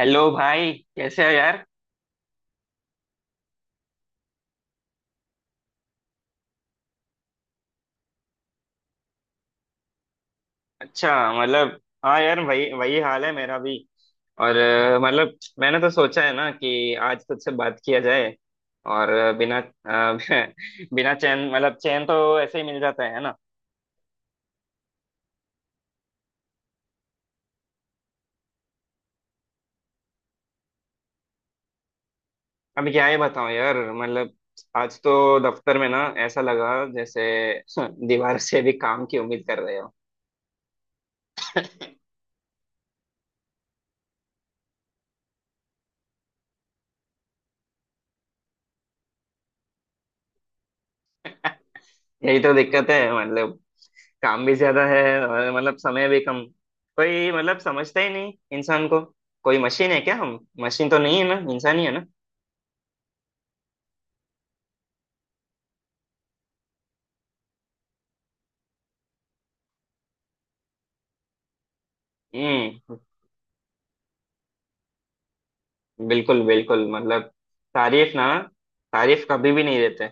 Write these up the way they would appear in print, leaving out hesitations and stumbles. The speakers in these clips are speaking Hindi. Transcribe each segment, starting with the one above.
हेलो भाई, कैसे हो यार। अच्छा। मतलब। हाँ यार, वही वही हाल है मेरा भी। और मतलब, मैंने तो सोचा है ना कि आज तुझसे बात किया जाए। और बिना बिना चैन, मतलब चैन तो ऐसे ही मिल जाता है ना। अभी क्या ही बताऊं यार। मतलब आज तो दफ्तर में ना ऐसा लगा जैसे दीवार से भी काम की उम्मीद कर रहे हो। यही तो दिक्कत है, मतलब काम भी ज्यादा है और मतलब समय भी कम। कोई मतलब समझता ही नहीं इंसान को। कोई मशीन है क्या? हम मशीन तो नहीं है ना, इंसान ही है ना। हम्म, बिल्कुल बिल्कुल। मतलब तारीफ ना, तारीफ कभी भी नहीं देते।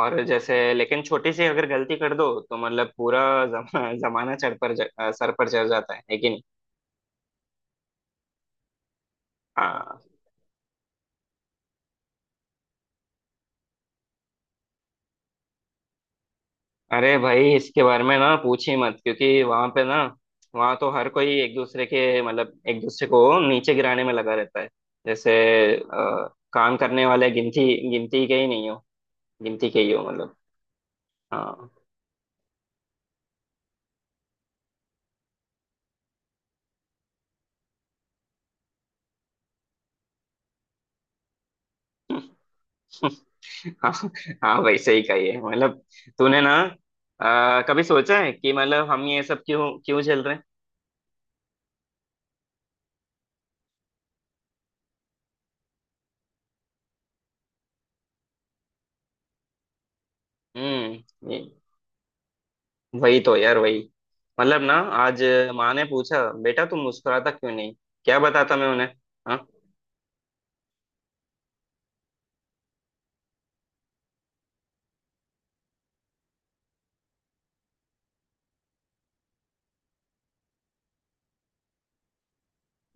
और जैसे, लेकिन छोटी सी अगर गलती कर दो तो मतलब पूरा जमाना चढ़ पर सर पर चढ़ जाता है, लेकिन। अरे भाई, इसके बारे में ना पूछ ही मत, क्योंकि वहां पे ना, वहां तो हर कोई एक दूसरे के, मतलब एक दूसरे को नीचे गिराने में लगा रहता है। जैसे काम करने वाले गिनती गिनती के ही नहीं हो, गिनती के ही हो, मतलब। हाँ। हाँ। हाँ वैसे ही कही है, मतलब तूने ना कभी सोचा है कि मतलब हम ये सब क्यों क्यों झेल रहे हैं? हम्म ये- वही तो यार, वही मतलब ना। आज माँ ने पूछा, बेटा तुम मुस्कुराता क्यों नहीं? क्या बताता मैं उन्हें? हाँ?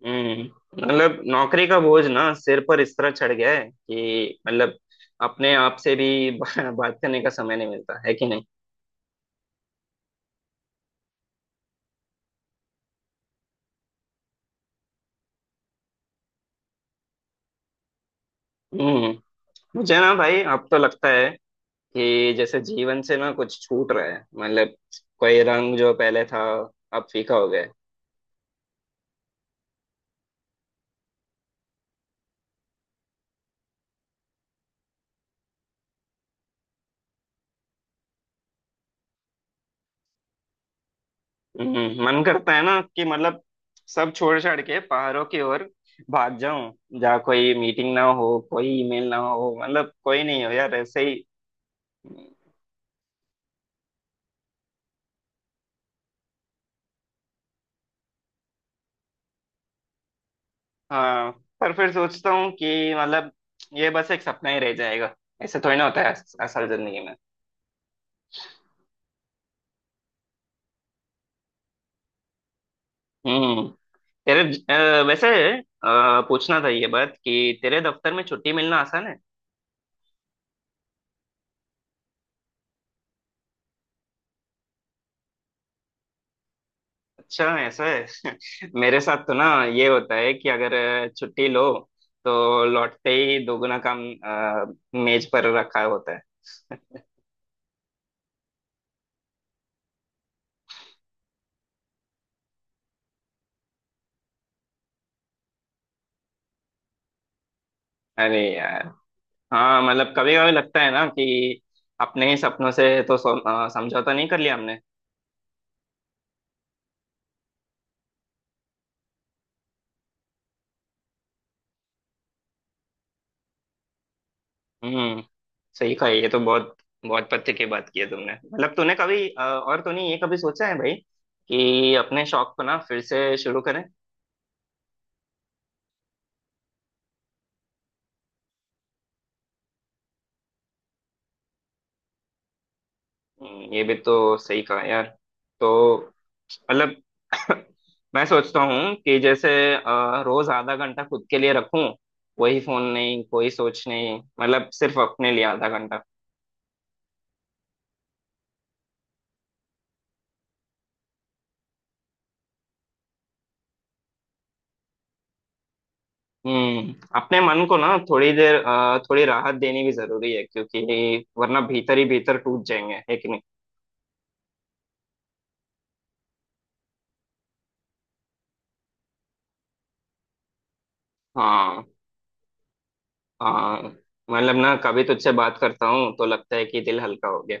हम्म। मतलब नौकरी का बोझ ना सिर पर इस तरह चढ़ गया है कि मतलब अपने आप से भी बात करने का समय नहीं मिलता है, कि नहीं। हम्म। मुझे ना भाई अब तो लगता है कि जैसे जीवन से ना कुछ छूट रहा है, मतलब कोई रंग जो पहले था अब फीका हो गया है। हम्म। मन करता है ना कि मतलब सब छोड़ छाड़ के पहाड़ों की ओर भाग जाऊं, जहाँ कोई मीटिंग ना हो, कोई ईमेल ना हो, मतलब कोई नहीं हो यार ऐसे ही। हाँ, पर फिर सोचता हूँ कि मतलब ये बस एक सपना ही रह जाएगा। ऐसे थोड़ी ना होता है असल जिंदगी में। हम्म। तेरे वैसे पूछना था ये बात कि तेरे दफ्तर में छुट्टी मिलना आसान है? अच्छा, ऐसा है। मेरे साथ तो ना ये होता है कि अगर छुट्टी लो तो लौटते ही दोगुना काम मेज पर रखा होता है। अरे यार। हाँ मतलब कभी कभी लगता है ना कि अपने ही सपनों से तो समझौता नहीं कर लिया हमने। हम्म, सही कहा। ये तो बहुत बहुत पते की बात की है तुमने, मतलब तूने कभी और तूने ये कभी सोचा है भाई कि अपने शौक को ना फिर से शुरू करें? ये भी तो सही कहा यार। तो मतलब मैं सोचता हूँ कि जैसे रोज आधा घंटा खुद के लिए रखूं। कोई फोन नहीं, कोई सोच नहीं, मतलब सिर्फ अपने लिए आधा घंटा। हम्म। अपने मन को ना थोड़ी देर थोड़ी राहत देनी भी जरूरी है, क्योंकि वरना भीतर ही भीतर टूट जाएंगे, है कि नहीं। हाँ। हाँ मतलब ना, कभी तुझसे बात करता हूँ तो लगता है कि दिल हल्का हो गया।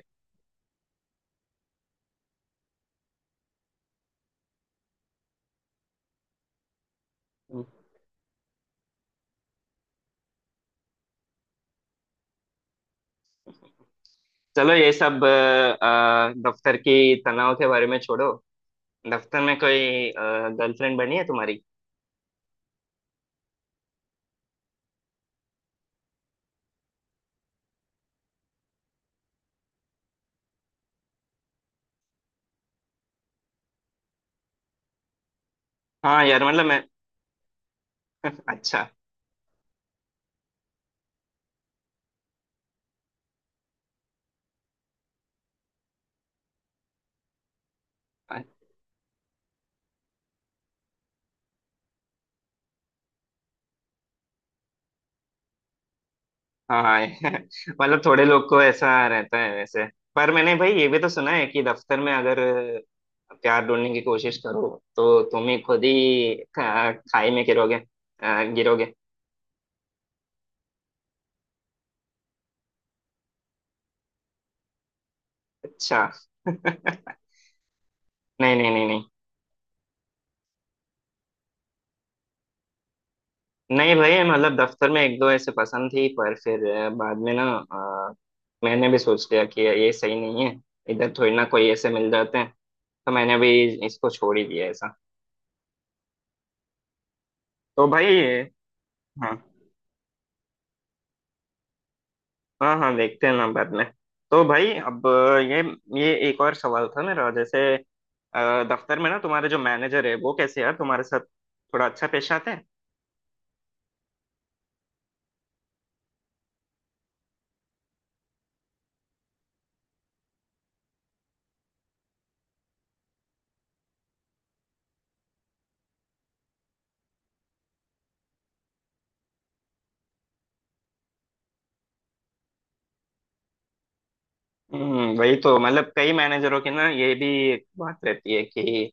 चलो ये सब दफ्तर की तनाव के बारे में छोड़ो। दफ्तर में कोई गर्लफ्रेंड बनी है तुम्हारी? हाँ यार मतलब मैं। अच्छा। हाँ हाँ। मतलब थोड़े लोग को ऐसा रहता है वैसे। पर मैंने भाई ये भी तो सुना है कि दफ्तर में अगर प्यार ढूंढने की कोशिश करो तो तुम ही खुद ही खाई में गिरोगे, गिरोगे। अच्छा। नहीं। नहीं नहीं। नहीं भाई मतलब दफ्तर में एक दो ऐसे पसंद थी, पर फिर बाद में ना अ, मैंने भी सोच लिया कि ये सही नहीं है। इधर थोड़ी ना कोई ऐसे मिल जाते हैं, तो मैंने भी इसको छोड़ ही दिया ऐसा। तो भाई। हाँ। हाँ हाँ, देखते हैं ना बाद में। तो भाई, अब ये ये एक और सवाल था मेरा, जैसे दफ्तर में ना तुम्हारे जो मैनेजर है वो कैसे यार तुम्हारे साथ, थोड़ा अच्छा पेश आते हैं? हम्म, वही तो मतलब। कई मैनेजरों की ना ये भी एक बात रहती है कि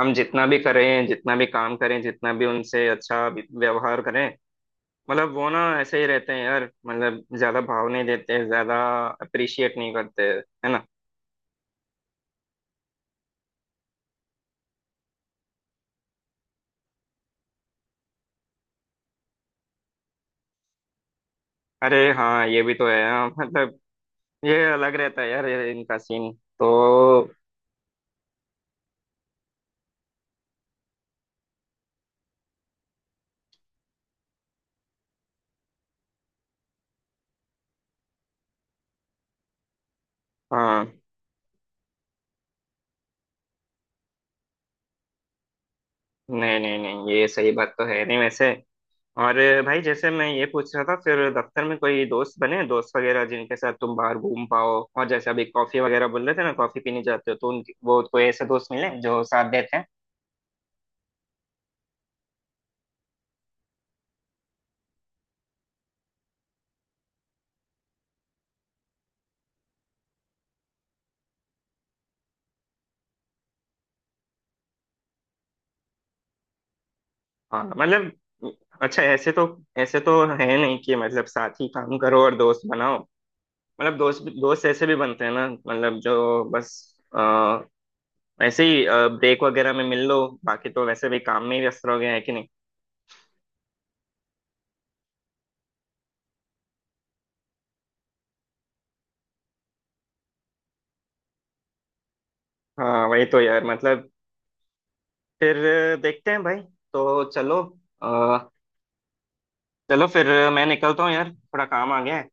हम जितना भी करें, जितना भी काम करें, जितना भी उनसे अच्छा व्यवहार करें, मतलब वो ना ऐसे ही रहते हैं यार। मतलब ज्यादा भाव नहीं देते, ज्यादा अप्रिशिएट नहीं करते, है ना। अरे हाँ, ये भी तो है। हाँ, मतलब ये अलग रहता है यार, ये इनका सीन। तो। हाँ। नहीं नहीं, नहीं ये सही बात तो है नहीं वैसे। और भाई जैसे मैं ये पूछ रहा था, फिर दफ्तर में कोई दोस्त बने, दोस्त वगैरह जिनके साथ तुम बाहर घूम पाओ। और जैसे अभी कॉफी वगैरह बोल रहे थे ना, कॉफी पीने जाते हो तो उनके, वो कोई ऐसे दोस्त मिले जो साथ देते हैं? हाँ मतलब, अच्छा, ऐसे तो, ऐसे तो है नहीं कि मतलब साथ ही काम करो और दोस्त बनाओ। मतलब दोस्त दोस्त ऐसे भी बनते हैं ना, मतलब जो बस आ, ऐसे ही ब्रेक वगैरह में मिल लो। बाकी तो वैसे भी काम में ही व्यस्त रहोगे, है कि नहीं। हाँ वही तो यार, मतलब फिर देखते हैं भाई। तो चलो, चलो फिर मैं निकलता हूँ यार, थोड़ा काम आ गया है।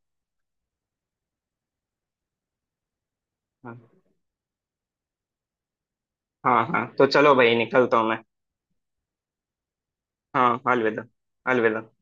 हाँ। हाँ हाँ, तो चलो भाई, निकलता हूँ मैं। हाँ, अलविदा। अलविदा।